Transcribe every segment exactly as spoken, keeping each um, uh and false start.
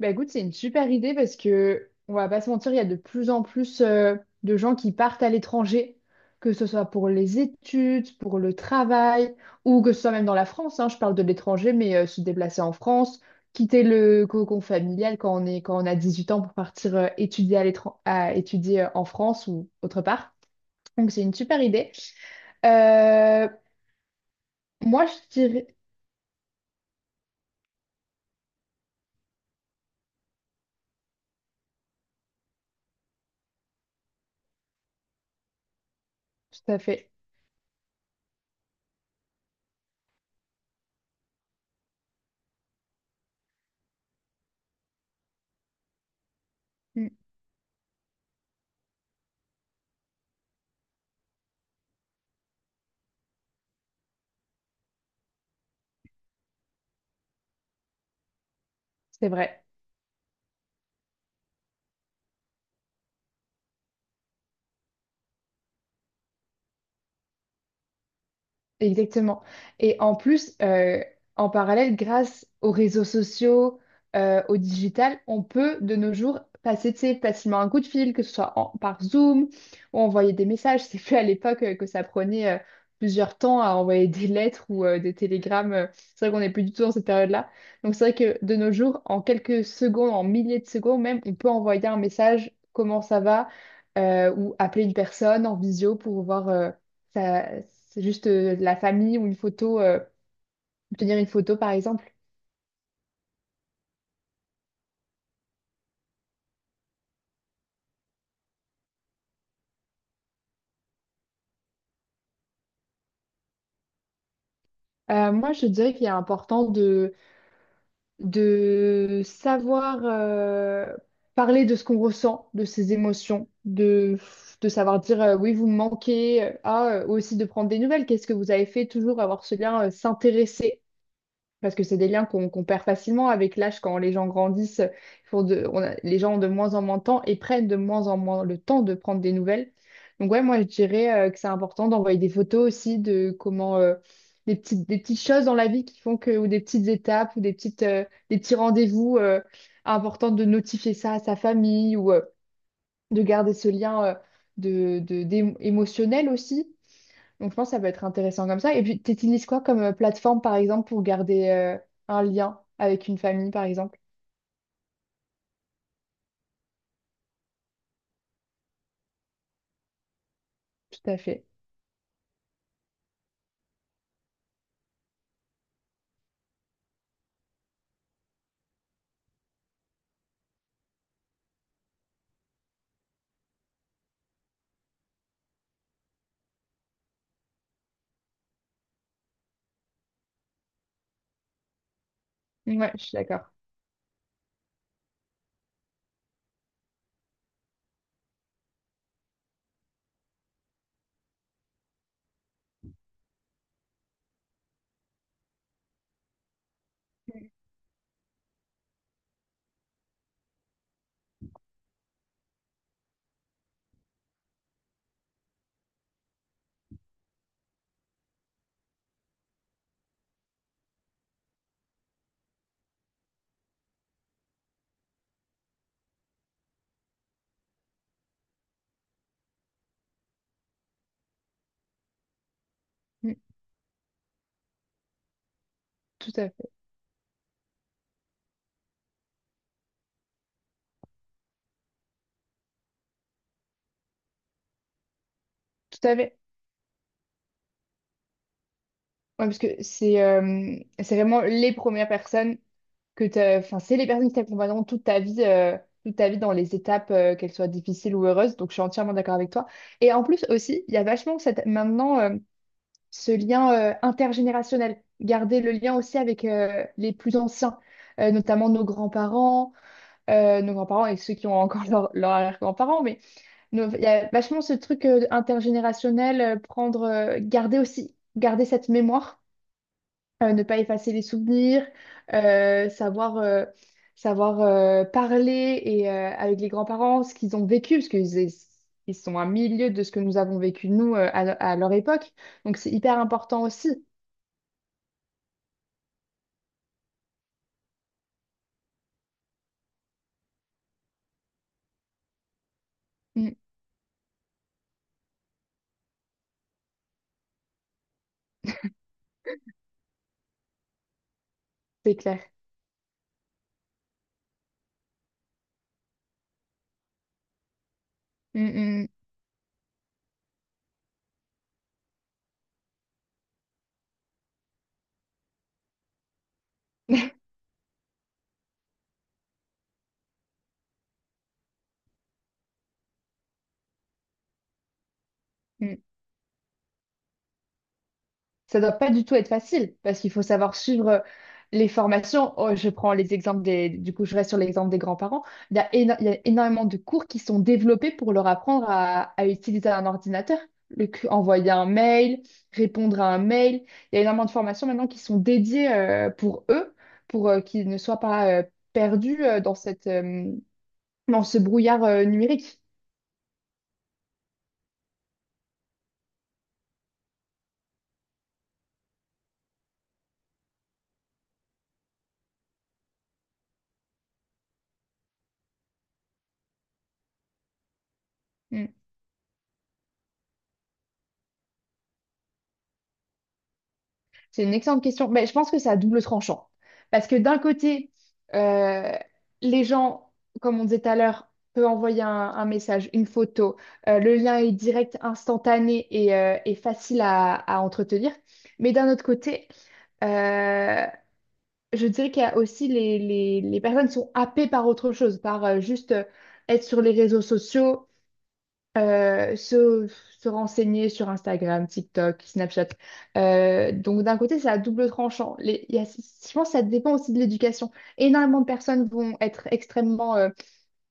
Bah écoute, c'est une super idée parce que on va pas se mentir, il y a de plus en plus euh, de gens qui partent à l'étranger, que ce soit pour les études, pour le travail, ou que ce soit même dans la France, hein, je parle de l'étranger, mais euh, se déplacer en France, quitter le cocon familial quand on est, quand on a dix-huit ans pour partir euh, étudier à l'étran- à étudier euh, en France ou autre part. Donc c'est une super idée. Euh, Moi, je dirais. Tout à fait. Mm. C'est vrai. Exactement. Et en plus, euh, en parallèle, grâce aux réseaux sociaux, euh, au digital, on peut de nos jours passer, tu sais, facilement un coup de fil, que ce soit en- par Zoom ou envoyer des messages. C'est plus à l'époque euh, que ça prenait euh, plusieurs temps à envoyer des lettres ou euh, des télégrammes. euh. C'est vrai qu'on n'est plus du tout dans cette période-là. Donc c'est vrai que de nos jours, en quelques secondes, en milliers de secondes même, on peut envoyer un message, comment ça va, euh, ou appeler une personne en visio pour voir. Euh, ça, c'est juste euh, la famille ou une photo, euh, obtenir une photo par exemple. Euh, moi, je dirais qu'il est important de, de savoir euh, parler de ce qu'on ressent, de ses émotions, de, de savoir dire euh, oui, vous me manquez, euh, ah, euh, ou aussi de prendre des nouvelles, qu'est-ce que vous avez fait, toujours avoir ce lien, euh, s'intéresser. Parce que c'est des liens qu'on qu'on perd facilement avec l'âge quand les gens grandissent. Ils font de- on a- Les gens ont de moins en moins de temps et prennent de moins en moins le temps de prendre des nouvelles. Donc ouais, moi je dirais euh, que c'est important d'envoyer des photos aussi de comment euh, des petites, des petites choses dans la vie qui font que, ou des petites étapes ou des petites, euh, des petits rendez-vous euh, important de notifier ça à sa famille ou euh, de garder ce lien euh, de, de, d'é- émotionnel aussi. Donc, je pense que ça peut être intéressant comme ça. Et puis, tu utilises quoi comme euh, plateforme, par exemple, pour garder euh, un lien avec une famille, par exemple? Tout à fait. Ouais, je suis d'accord. Mm. Tout à fait. Tout à fait. Ouais, parce que c'est euh, c'est vraiment les premières personnes que t'as... Enfin, c'est les personnes qui t'accompagneront toute ta vie, euh, toute ta vie dans les étapes, euh, qu'elles soient difficiles ou heureuses. Donc, je suis entièrement d'accord avec toi. Et en plus aussi, il y a vachement cette... Maintenant... euh, ce lien euh, intergénérationnel, garder le lien aussi avec euh, les plus anciens, euh, notamment nos grands-parents, euh, nos grands-parents et ceux qui ont encore leur- leurs arrière-grands-parents, mais nos- il y a vachement ce truc euh, intergénérationnel, euh, prendre, euh, garder aussi, garder cette mémoire, euh, ne pas effacer les souvenirs, euh, savoir... euh, savoir euh, parler et euh, avec les grands-parents ce qu'ils ont vécu parce qu'ils ils sont à milieu de ce que nous avons vécu nous euh, à à leur époque donc c'est hyper important aussi. Mm. C'est clair. Mm, mm. Mm. Ça doit pas du tout être facile parce qu'il faut savoir suivre euh, les formations. Oh, je prends les exemples des, du coup, je reste sur l'exemple des grands-parents. Il y a, éno- il y a énormément de cours qui sont développés pour leur apprendre à, à utiliser un ordinateur. Le cu- envoyer un mail, répondre à un mail. Il y a énormément de formations maintenant qui sont dédiées euh, pour eux, pour euh, qu'ils ne soient pas euh, perdus euh, dans cette, euh, dans ce brouillard euh, numérique. C'est une excellente question. Mais je pense que c'est à double tranchant. Parce que d'un côté, euh, les gens, comme on disait tout à l'heure, peuvent envoyer un, un message, une photo. Euh, le lien est direct, instantané et, euh, et facile à, à entretenir. Mais d'un autre côté, euh, je dirais qu'il y a aussi les, les, les personnes qui sont happées par autre chose, par euh, juste euh, être sur les réseaux sociaux, euh, se, se renseigner sur Instagram, TikTok, Snapchat. Euh, donc d'un côté, c'est à double tranchant. Les- il y a- je pense que ça dépend aussi de l'éducation. Énormément de personnes vont être extrêmement euh,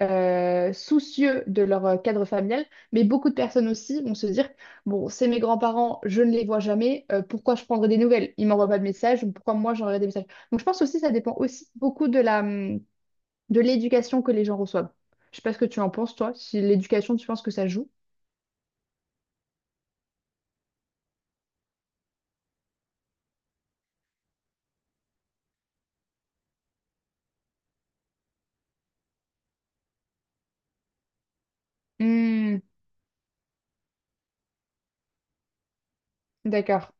euh, soucieux de leur euh, cadre familial, mais beaucoup de personnes aussi vont se dire, bon, c'est mes grands-parents, je ne les vois jamais, euh, pourquoi je prendrais des nouvelles? Ils m'envoient pas de messages, donc pourquoi moi j'enverrais des messages? Donc je pense aussi que ça dépend aussi beaucoup de la, hum, de l'éducation que les gens reçoivent. Je sais pas ce que tu en penses, toi, si l'éducation, tu penses que ça joue? Hmm, d'accord.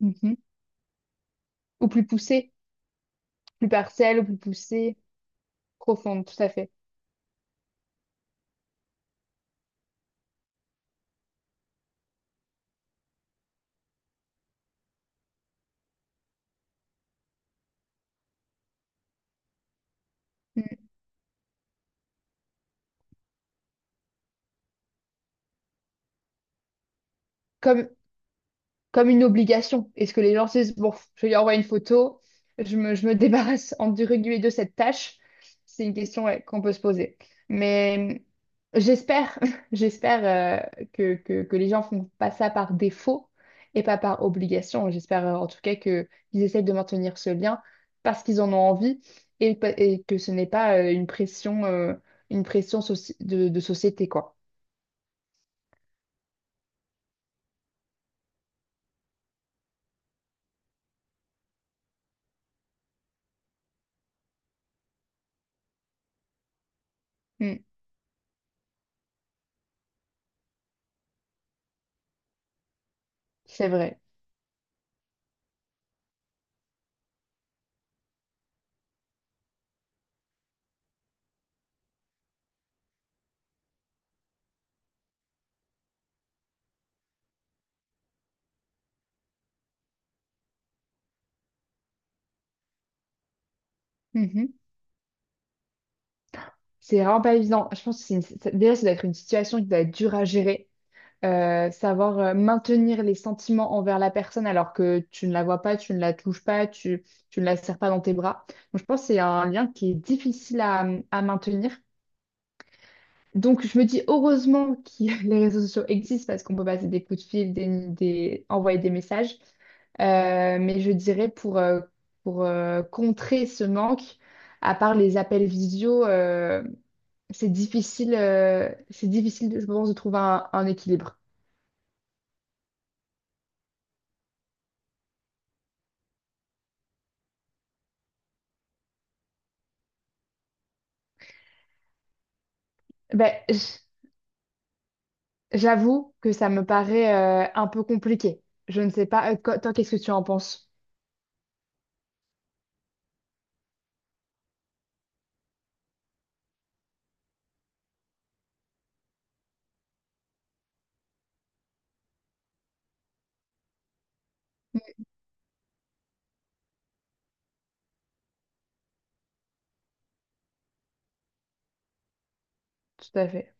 Mhm. Ou plus poussée, plus partielle, ou plus poussée, profonde, tout à fait. Hmm. Comme comme une obligation. Est-ce que les gens se disent, bon, je lui envoie une photo, je me, je me débarrasse entre guillemets de cette tâche? C'est une question ouais, qu'on peut se poser. Mais euh, j'espère, j'espère euh, que, que, que les gens font pas ça par défaut et pas par obligation. J'espère euh, en tout cas que qu'ils essaient de maintenir ce lien parce qu'ils en ont envie et, pa- et que ce n'est pas euh, une pression, euh, une pression soci- de, de société, quoi. Mm, c'est vrai. Hmm, hmm. C'est vraiment pas évident. Je pense que c'est une- ça- déjà, ça doit être une situation qui doit être dure à gérer. Euh, savoir euh, maintenir les sentiments envers la personne alors que tu ne la vois pas, tu ne la touches pas, tu, tu ne la serres pas dans tes bras. Donc, je pense que c'est un lien qui est difficile à, à maintenir. Donc, je me dis heureusement que les réseaux sociaux existent parce qu'on peut passer des coups de fil, des, des- envoyer des messages. Euh, mais je dirais pour, euh, pour euh, contrer ce manque, à part les appels visio. Euh, c'est difficile, euh, c'est difficile, je pense, de trouver un, un équilibre. Ben, j- j'avoue que ça me paraît euh, un peu compliqué. Je ne sais pas. Euh, co- toi, qu'est-ce que tu en penses? Tout à fait.